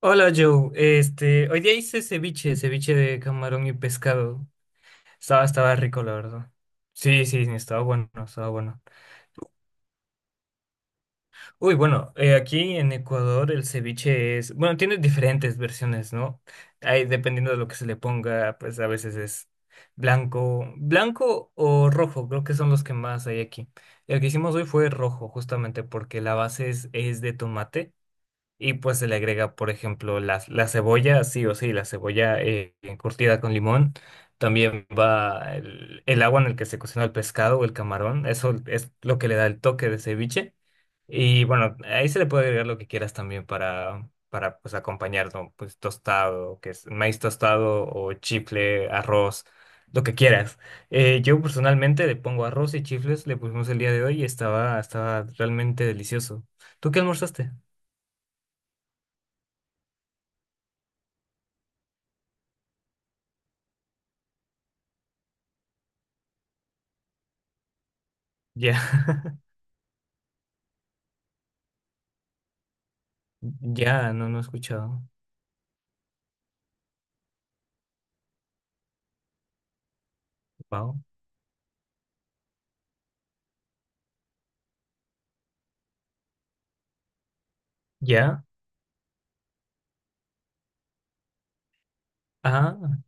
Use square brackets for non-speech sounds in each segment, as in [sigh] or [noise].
Hola Joe, hoy día hice ceviche, ceviche de camarón y pescado. Estaba rico, la verdad. Sí, sí, sí, estaba bueno, estaba bueno. Uy, bueno, aquí en Ecuador el ceviche es, bueno, tiene diferentes versiones, ¿no? Ahí, dependiendo de lo que se le ponga, pues a veces es blanco o rojo, creo que son los que más hay aquí. El que hicimos hoy fue rojo, justamente porque la base es de tomate. Y pues se le agrega, por ejemplo, la cebolla, sí o sí, la cebolla curtida con limón. También va el agua en el que se cocina el pescado o el camarón. Eso es lo que le da el toque de ceviche. Y bueno, ahí se le puede agregar lo que quieras también para pues, acompañar, ¿no? Pues tostado, que es maíz tostado o chifle, arroz, lo que quieras. Yo personalmente le pongo arroz y chifles, le pusimos el día de hoy y estaba realmente delicioso. ¿Tú qué almorzaste? Ya. [laughs] Ya, no, no he escuchado. Wow. Ya, ah,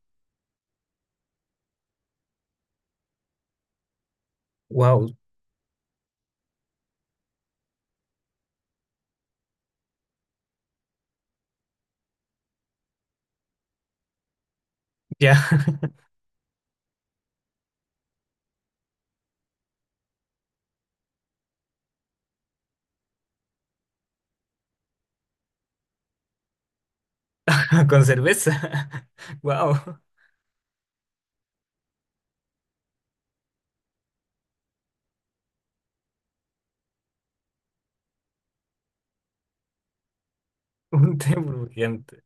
wow, ya. [laughs] Con cerveza. [laughs] Wow, un té burbujeante.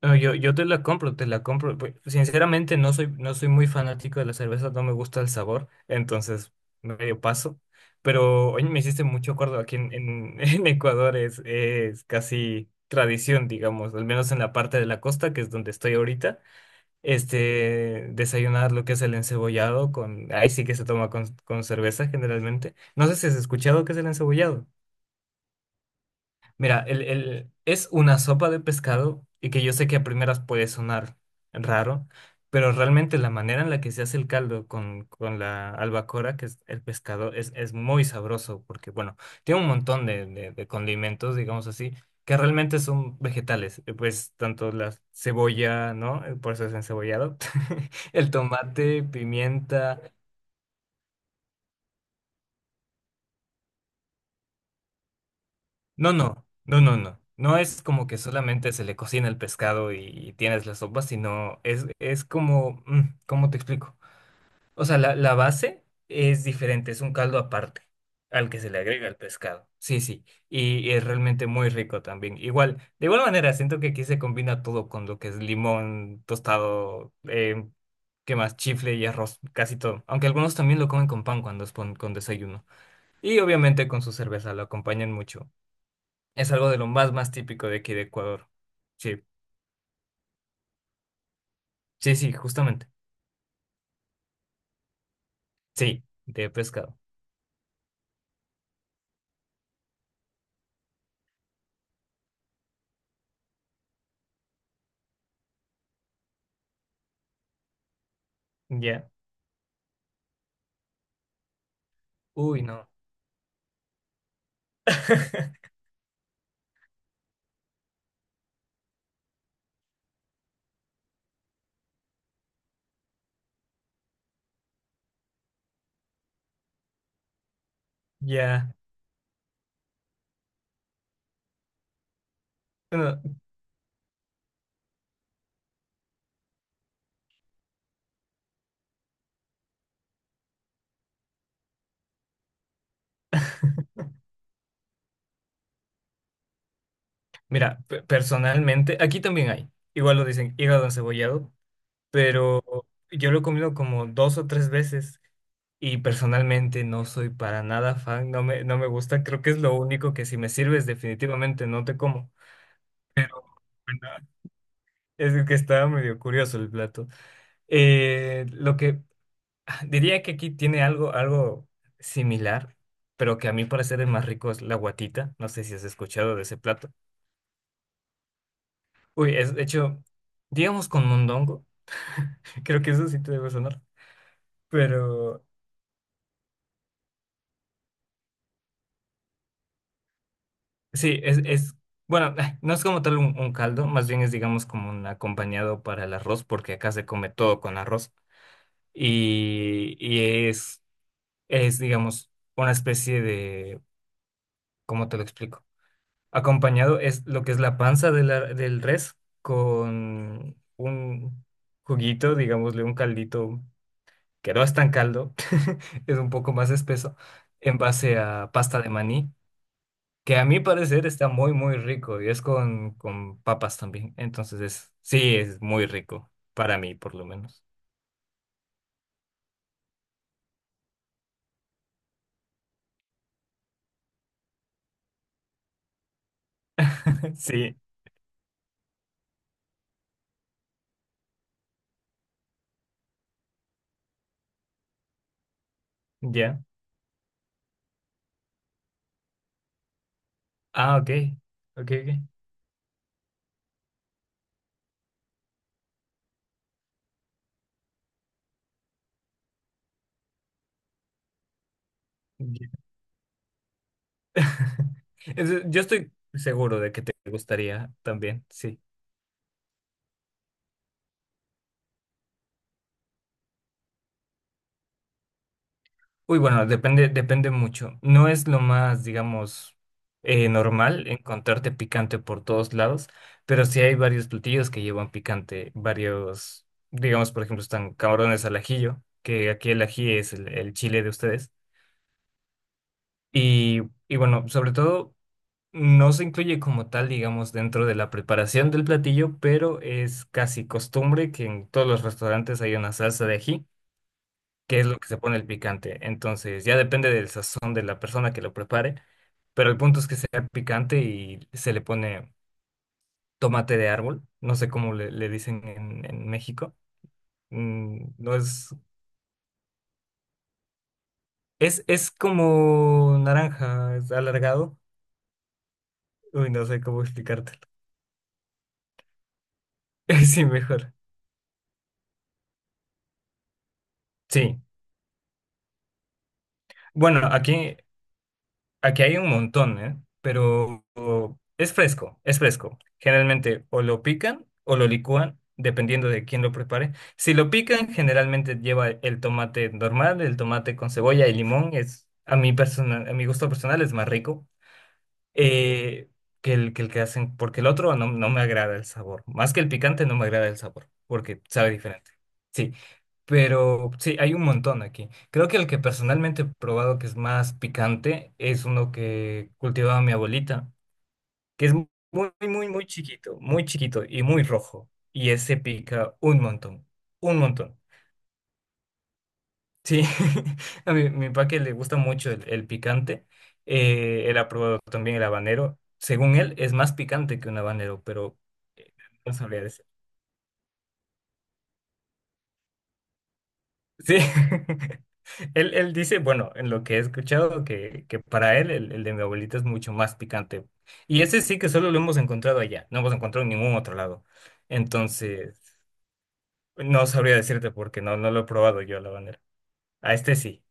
No, yo te la compro, te la compro. Pues, sinceramente, no soy muy fanático de la cerveza, no me gusta el sabor, entonces medio paso. Pero hoy me hiciste mucho acuerdo, aquí [laughs] en Ecuador es casi tradición, digamos, al menos en la parte de la costa, que es donde estoy ahorita. Desayunar lo que es el encebollado con, ahí sí que se toma con cerveza generalmente. No sé si has escuchado qué es el encebollado. Mira, es una sopa de pescado y que yo sé que a primeras puede sonar raro, pero realmente la manera en la que se hace el caldo con la albacora, que es el pescado, es muy sabroso porque, bueno, tiene un montón de condimentos, digamos así, que realmente son vegetales. Pues tanto la cebolla, ¿no? Por eso es encebollado. [laughs] El tomate, pimienta. No, no, no, no, no. No es como que solamente se le cocina el pescado y tienes la sopa, sino es como, ¿cómo te explico? O sea, la base es diferente, es un caldo aparte al que se le agrega el pescado. Sí, sí, y es realmente muy rico también. Igual, de igual manera, siento que aquí se combina todo con lo que es limón, tostado, ¿qué más? Chifle y arroz, casi todo. Aunque algunos también lo comen con pan cuando es con desayuno. Y obviamente con su cerveza, lo acompañan mucho. Es algo de lo más, más típico de aquí de Ecuador. Sí, sí, sí, justamente. Sí, de pescado. Ya. Uy, no. [laughs] Ya. Bueno, mira, personalmente, aquí también hay. Igual lo dicen hígado encebollado, pero yo lo he comido como dos o tres veces y personalmente no soy para nada fan, no me gusta. Creo que es lo único que si me sirves definitivamente no te como. Bueno, es que está medio curioso el plato. Lo que diría que aquí tiene algo, algo similar, pero que a mi parecer el más rico es la guatita. No sé si has escuchado de ese plato. Uy, es de hecho, digamos con mondongo. [laughs] Creo que eso sí te debe sonar. Pero sí, es bueno, [laughs] no es como tal un caldo, más bien es digamos como un acompañado para el arroz, porque acá se come todo con arroz. Y es, digamos, una especie de, ¿cómo te lo explico? Acompañado es lo que es la panza de del res con un juguito, digámosle un caldito, que no es tan caldo, [laughs] es un poco más espeso, en base a pasta de maní, que a mi parecer está muy, muy rico y es con papas también. Entonces es, sí, es muy rico, para mí por lo menos. [laughs] Sí, ya. Ah, ok. Ok, ok. Ya. [laughs] Yo estoy seguro de que te gustaría también, sí. Uy, bueno, depende, depende mucho. No es lo más, digamos, normal encontrarte picante por todos lados, pero sí hay varios platillos que llevan picante, varios, digamos, por ejemplo, están camarones al ajillo, que aquí el ají es el chile de ustedes. Y, y bueno, sobre todo, no se incluye como tal, digamos, dentro de la preparación del platillo, pero es casi costumbre que en todos los restaurantes hay una salsa de ají qué es lo que se pone el picante. Entonces, ya depende del sazón de la persona que lo prepare, pero el punto es que sea picante y se le pone tomate de árbol, no sé cómo le dicen en México. No es como naranja, es alargado. Uy, no sé cómo explicártelo. [laughs] Sí, mejor. Sí. Bueno, aquí hay un montón, ¿eh? Pero es fresco, es fresco. Generalmente o lo pican o lo licúan, dependiendo de quién lo prepare. Si lo pican, generalmente lleva el tomate normal, el tomate con cebolla y limón. Es, a mi a mi gusto personal es más rico eh, que el que hacen, porque el otro no me agrada el sabor. Más que el picante, no me agrada el sabor, porque sabe diferente. Sí, pero sí, hay un montón aquí. Creo que el que personalmente he probado que es más picante es uno que cultivaba mi abuelita, que es muy, muy, muy chiquito y muy rojo. Y ese pica un montón, un montón. Sí, [laughs] a mi papá que le gusta mucho el picante, él ha probado también el habanero. Según él, es más picante que un habanero, pero eh, no sabría decir. Sí, [laughs] él dice, bueno, en lo que he escuchado, que para él el de mi abuelita es mucho más picante. Y ese sí que solo lo hemos encontrado allá, no hemos encontrado en ningún otro lado. Entonces, no sabría decirte porque no lo he probado yo el habanero. A este sí.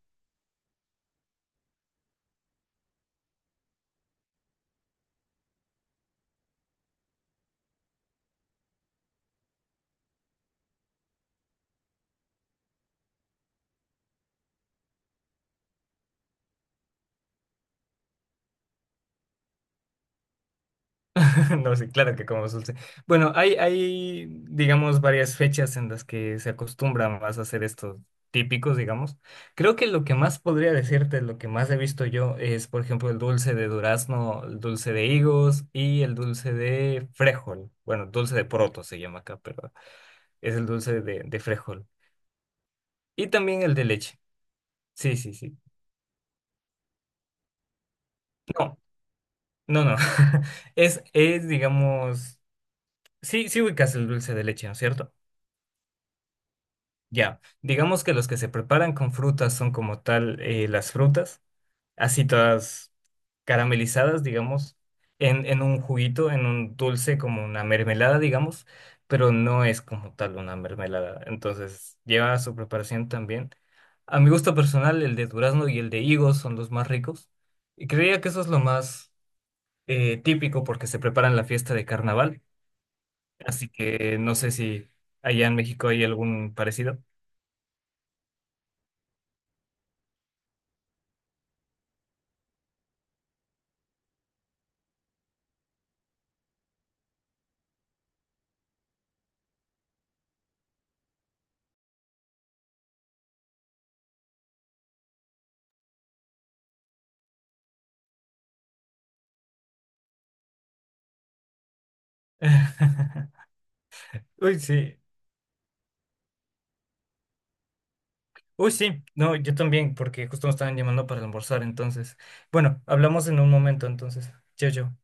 [laughs] No, sí, claro que como dulce. Bueno, hay, digamos, varias fechas en las que se acostumbra más a hacer estos típicos, digamos. Creo que lo que más podría decirte, lo que más he visto yo, es, por ejemplo, el dulce de durazno, el dulce de higos y el dulce de frijol. Bueno, dulce de poroto se llama acá, pero es el dulce de frijol. Y también el de leche. Sí, sí, sí. No, no, no. [laughs] Es, digamos, sí, sí ubicas el dulce de leche, ¿no es cierto? Ya, digamos que los que se preparan con frutas son como tal las frutas, así todas caramelizadas, digamos, en un juguito, en un dulce, como una mermelada, digamos, pero no es como tal una mermelada. Entonces, lleva su preparación también. A mi gusto personal, el de durazno y el de higo son los más ricos. Y creía que eso es lo más típico porque se prepara en la fiesta de carnaval. Así que no sé si allá en México hay algún parecido. [laughs] Uy, sí. Uy, sí. No, yo también, porque justo me estaban llamando para almorzar, entonces. Bueno, hablamos en un momento, entonces. Chao, chao.